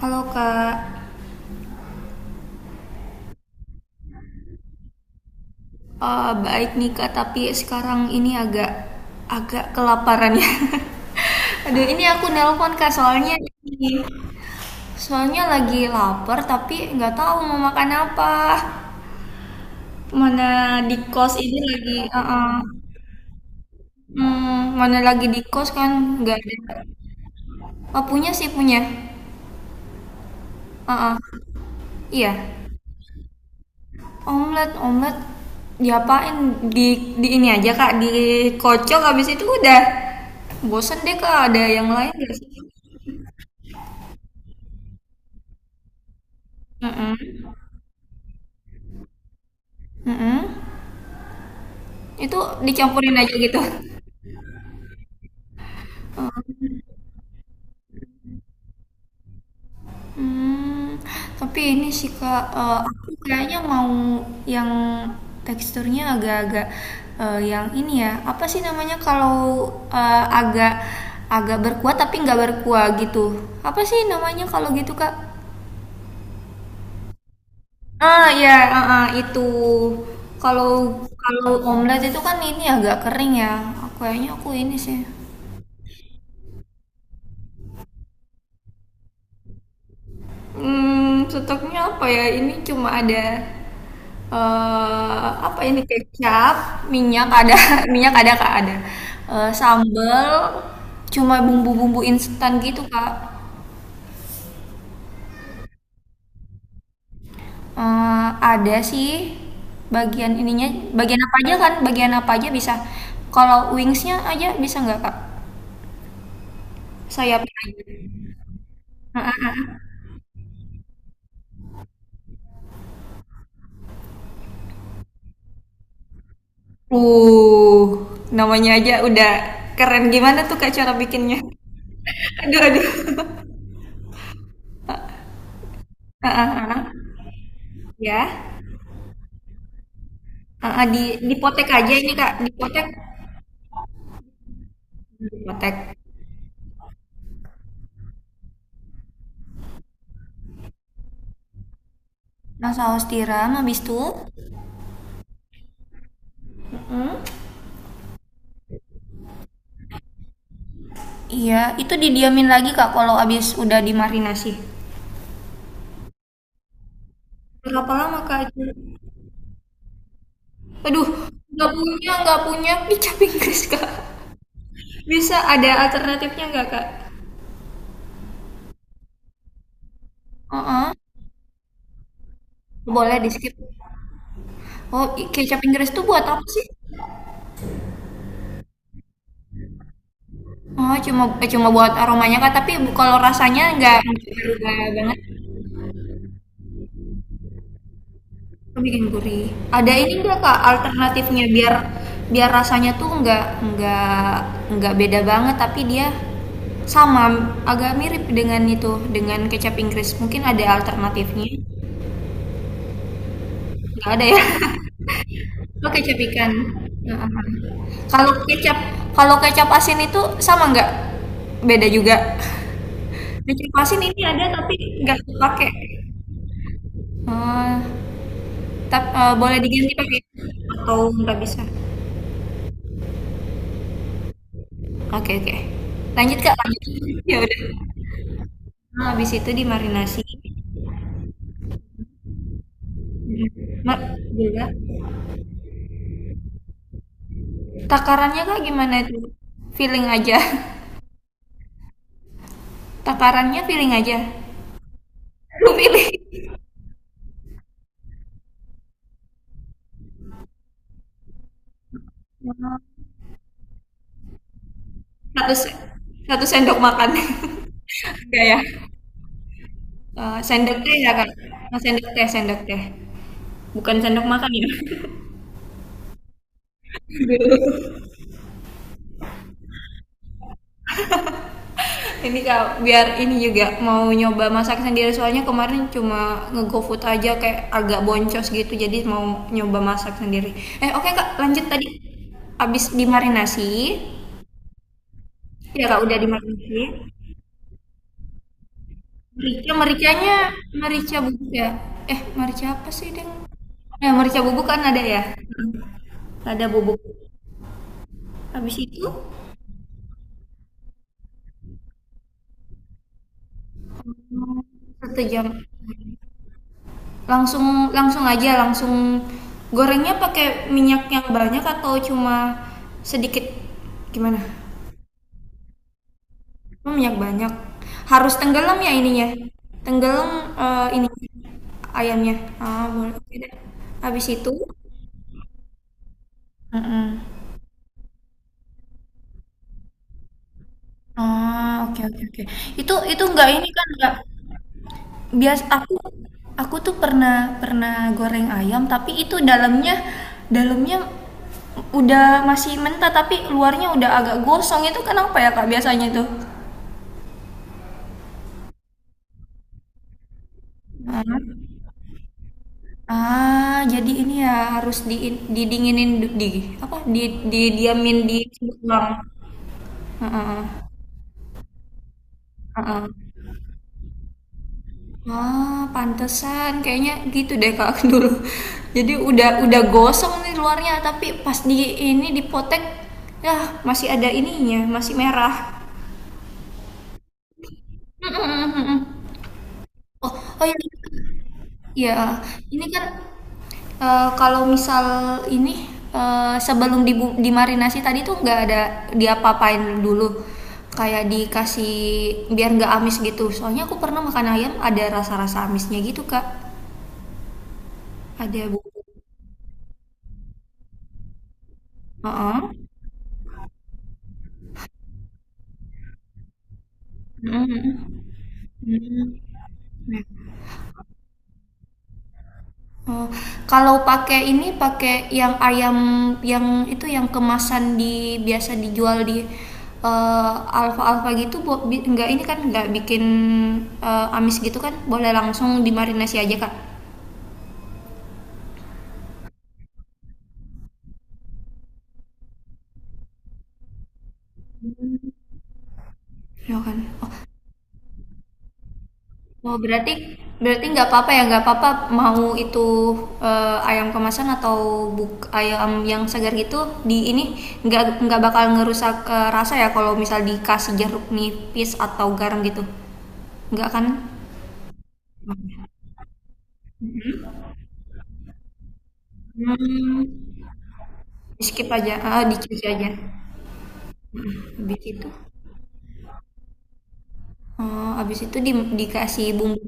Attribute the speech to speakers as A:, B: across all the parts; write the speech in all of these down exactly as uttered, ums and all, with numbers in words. A: Halo Kak. Eh, baik nih Kak, tapi sekarang ini agak agak kelaparan ya. Aduh, ini aku nelpon Kak, soalnya soalnya lagi lapar tapi nggak tahu mau makan apa. Mana di kos ini lagi, eh, eh, hmm, mana lagi di kos kan nggak ada. Oh, punya sih punya. Eh, eh, iya. Omelet, omelet diapain? Di di ini aja Kak, dikocok habis itu udah. Bosen deh Kak, ada yang lain gak sih? Mhm, mhm. Itu dicampurin aja gitu? Mmm, tapi ini sih Kak, eee, aku kayaknya mau yang teksturnya agak-agak, eee, yang ini ya, apa sih namanya kalau, eee, agak agak berkuah tapi nggak berkuah gitu, apa sih namanya kalau gitu Kak? Ah, ya, heeh, itu. Kalau kalau omelet itu kan ini agak kering ya. Aku- Kayaknya aku ini sih. Hmm, stoknya apa ya? Ini cuma ada eh apa ini kecap, minyak ada, minyak ada Kak, ada. Eh, sambal cuma bumbu-bumbu instan gitu, Kak. Eh, ada sih bagian ininya, bagian apa aja kan? Bagian apa aja bisa. Kalau wingsnya aja bisa nggak, Kak? Sayapnya aja. Uh, namanya aja udah keren. Gimana tuh Kak cara bikinnya? Aduh, aduh. Heeh, heeh. Ya. Heeh, di dipotek aja ini Kak, dipotek. Dipotek. Nah, saus tiram habis itu. Hmm? Iya, itu didiamin lagi Kak kalau habis udah dimarinasi. Berapa lama Kak itu? Aduh, nggak punya, nggak punya kicap Inggris Kak. Bisa ada alternatifnya nggak Kak? Heeh. Boleh di skip. Oh, i- kecap Inggris tuh buat apa sih? Oh, cuma eh, cuma buat aromanya Kak, tapi bu- kalau rasanya nggak nggak berubah banget, itu bikin gurih. Ada ini nggak Kak alternatifnya biar biar rasanya tuh nggak nggak nggak beda banget, tapi dia sama agak mirip dengan itu dengan kecap Inggris. Mungkin ada alternatifnya? Nggak ada ya? Oh kecap ikan. Heeh. Kalau kecap Kalau kecap asin itu sama nggak? Beda juga. Kecap asin ini ada tapi nggak pakai. Ah, Tap eee, boleh diganti pakai atau nggak bisa? Oke oke. Lanjut Kak, lanjut. Ya udah. Nah, habis itu dimarinasi. Mhm. Mak juga. Takarannya Kak gimana itu? Feeling aja? Takarannya feeling aja? Lu pilih. Oh, satu se satu sendok makan. Enggak ya? Eee, sendok teh ya Kak? Oh, sendok teh sendok teh. Bukan sendok makan ya? Aduh. Ini kak biar ini juga mau nyoba masak sendiri soalnya kemarin cuma nge-go food aja kayak agak boncos gitu jadi mau nyoba masak sendiri eh oke kak lanjut tadi abis dimarinasi ya kak udah dimarinasi merica mericanya merica bubuk ya eh merica apa sih deng eh merica bubuk kan ada ya ada bubuk habis itu hmm, satu jam langsung langsung aja langsung gorengnya pakai minyak yang banyak atau cuma sedikit gimana minyak banyak harus tenggelam ya ininya tenggelam eh, ini ayamnya ah boleh oke deh habis itu. Mm-mm. Ah, oke oke oke. Itu itu nggak ini kan nggak Bias aku aku tuh pernah pernah goreng ayam, tapi itu dalamnya dalamnya udah masih mentah, tapi luarnya udah agak gosong, itu kenapa ya, Kak, biasanya itu? Heeh. Ah, jadi ini ya harus di didinginin du di apa, di di diamin di kulkas. Heeh. Heeh. Ah, pantesan kayaknya gitu deh Kak dulu. Jadi udah udah gosong nih luarnya tapi pas di ini dipotek ya masih ada ininya, masih merah. Mm-mm-mm-mm. Oh, oh iya. Ya, ini kan eh, kalau misal ini eh, sebelum dibu- dimarinasi tadi tuh nggak ada diapa-apain dulu. Kayak dikasih biar nggak amis gitu. Soalnya aku pernah makan ayam ada rasa-rasa amisnya gitu, Kak. Ada bumbu. Heeh. Mhm mhm, mhm. Oh, kalau pakai ini, pakai yang ayam yang itu yang kemasan di biasa dijual di, eee, Alfa-Alfa gitu bo bi nggak ini kan, nggak bikin, eee, amis gitu kan? Boleh langsung dimarinasi aja, Kak? Ya kan? Oh. Oh, berarti berarti nggak apa-apa ya, nggak apa-apa mau itu eh, ayam kemasan atau buk ayam yang segar gitu di ini nggak nggak bakal ngerusak eh, rasa ya kalau misal dikasih jeruk nipis atau garam gitu. Nggak kan? Hmm, di skip aja, ah, di aja. Habis itu. Oh, habis itu di- dikasih bumbu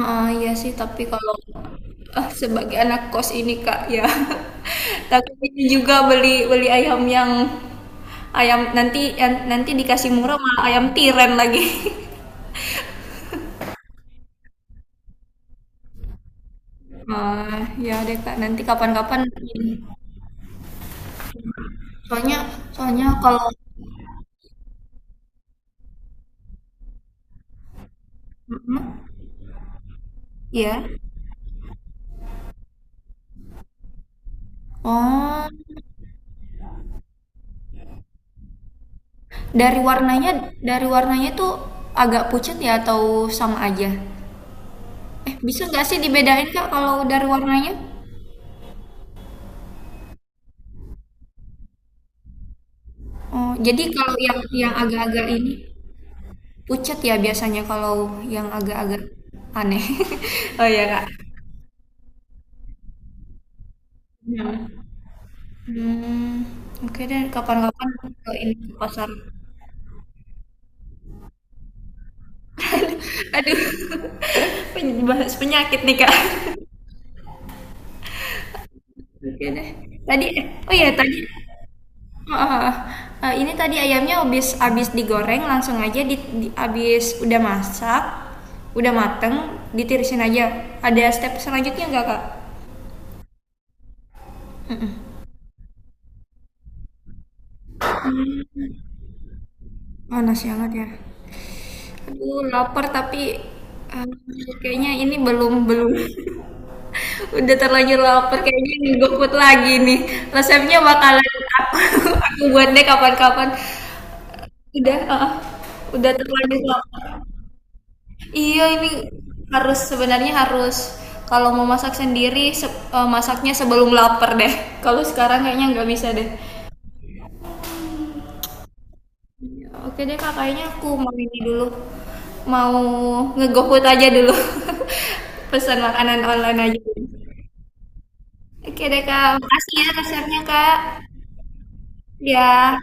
A: ah iya sih tapi kalau, eh, sebagai anak kos ini Kak ya takut ini juga beli beli ayam yang ayam nanti yan nanti dikasih murah malah ayam tiren lagi. Ah, ya deh Kak nanti kapan-kapan ini soalnya soalnya kalau ya. Oh, dari warnanya dari warnanya tuh agak pucat ya atau sama aja? Eh, bisa nggak sih dibedain Kak kalau dari warnanya? Oh, jadi kalau yang yang agak-agak ini pucat ya biasanya kalau yang agak-agak aneh. Oh ya Kak. Hmm, oke deh kapan-kapan ke ini ke pasar. Aduh, pen- bahas penyakit nih Kak. Oke deh. Tadi, oh ya tadi, ah, ah, ini tadi ayamnya habis habis digoreng langsung aja di, di habis udah masak, udah mateng, ditirisin aja. Ada step selanjutnya nggak Kak? Panas banget ya. Aduh, lapar tapi aduh, kayaknya ini belum belum. Udah terlanjur lapar kayaknya ini GoFood lagi nih. Resepnya bakalan aku aku buat deh kapan-kapan. Udah, heeh. Udah terlanjur lapar. Iya, ini harus sebenarnya harus kalau mau masak sendiri se- eh, masaknya sebelum lapar deh. Kalau sekarang kayaknya nggak bisa deh. Oke deh Kak, kayaknya aku mau ini dulu, mau nge aja dulu, pesan makanan online aja. Oke deh Kak, makasih ya resepnya Kak. Ya,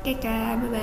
A: oke Kak, bye-bye.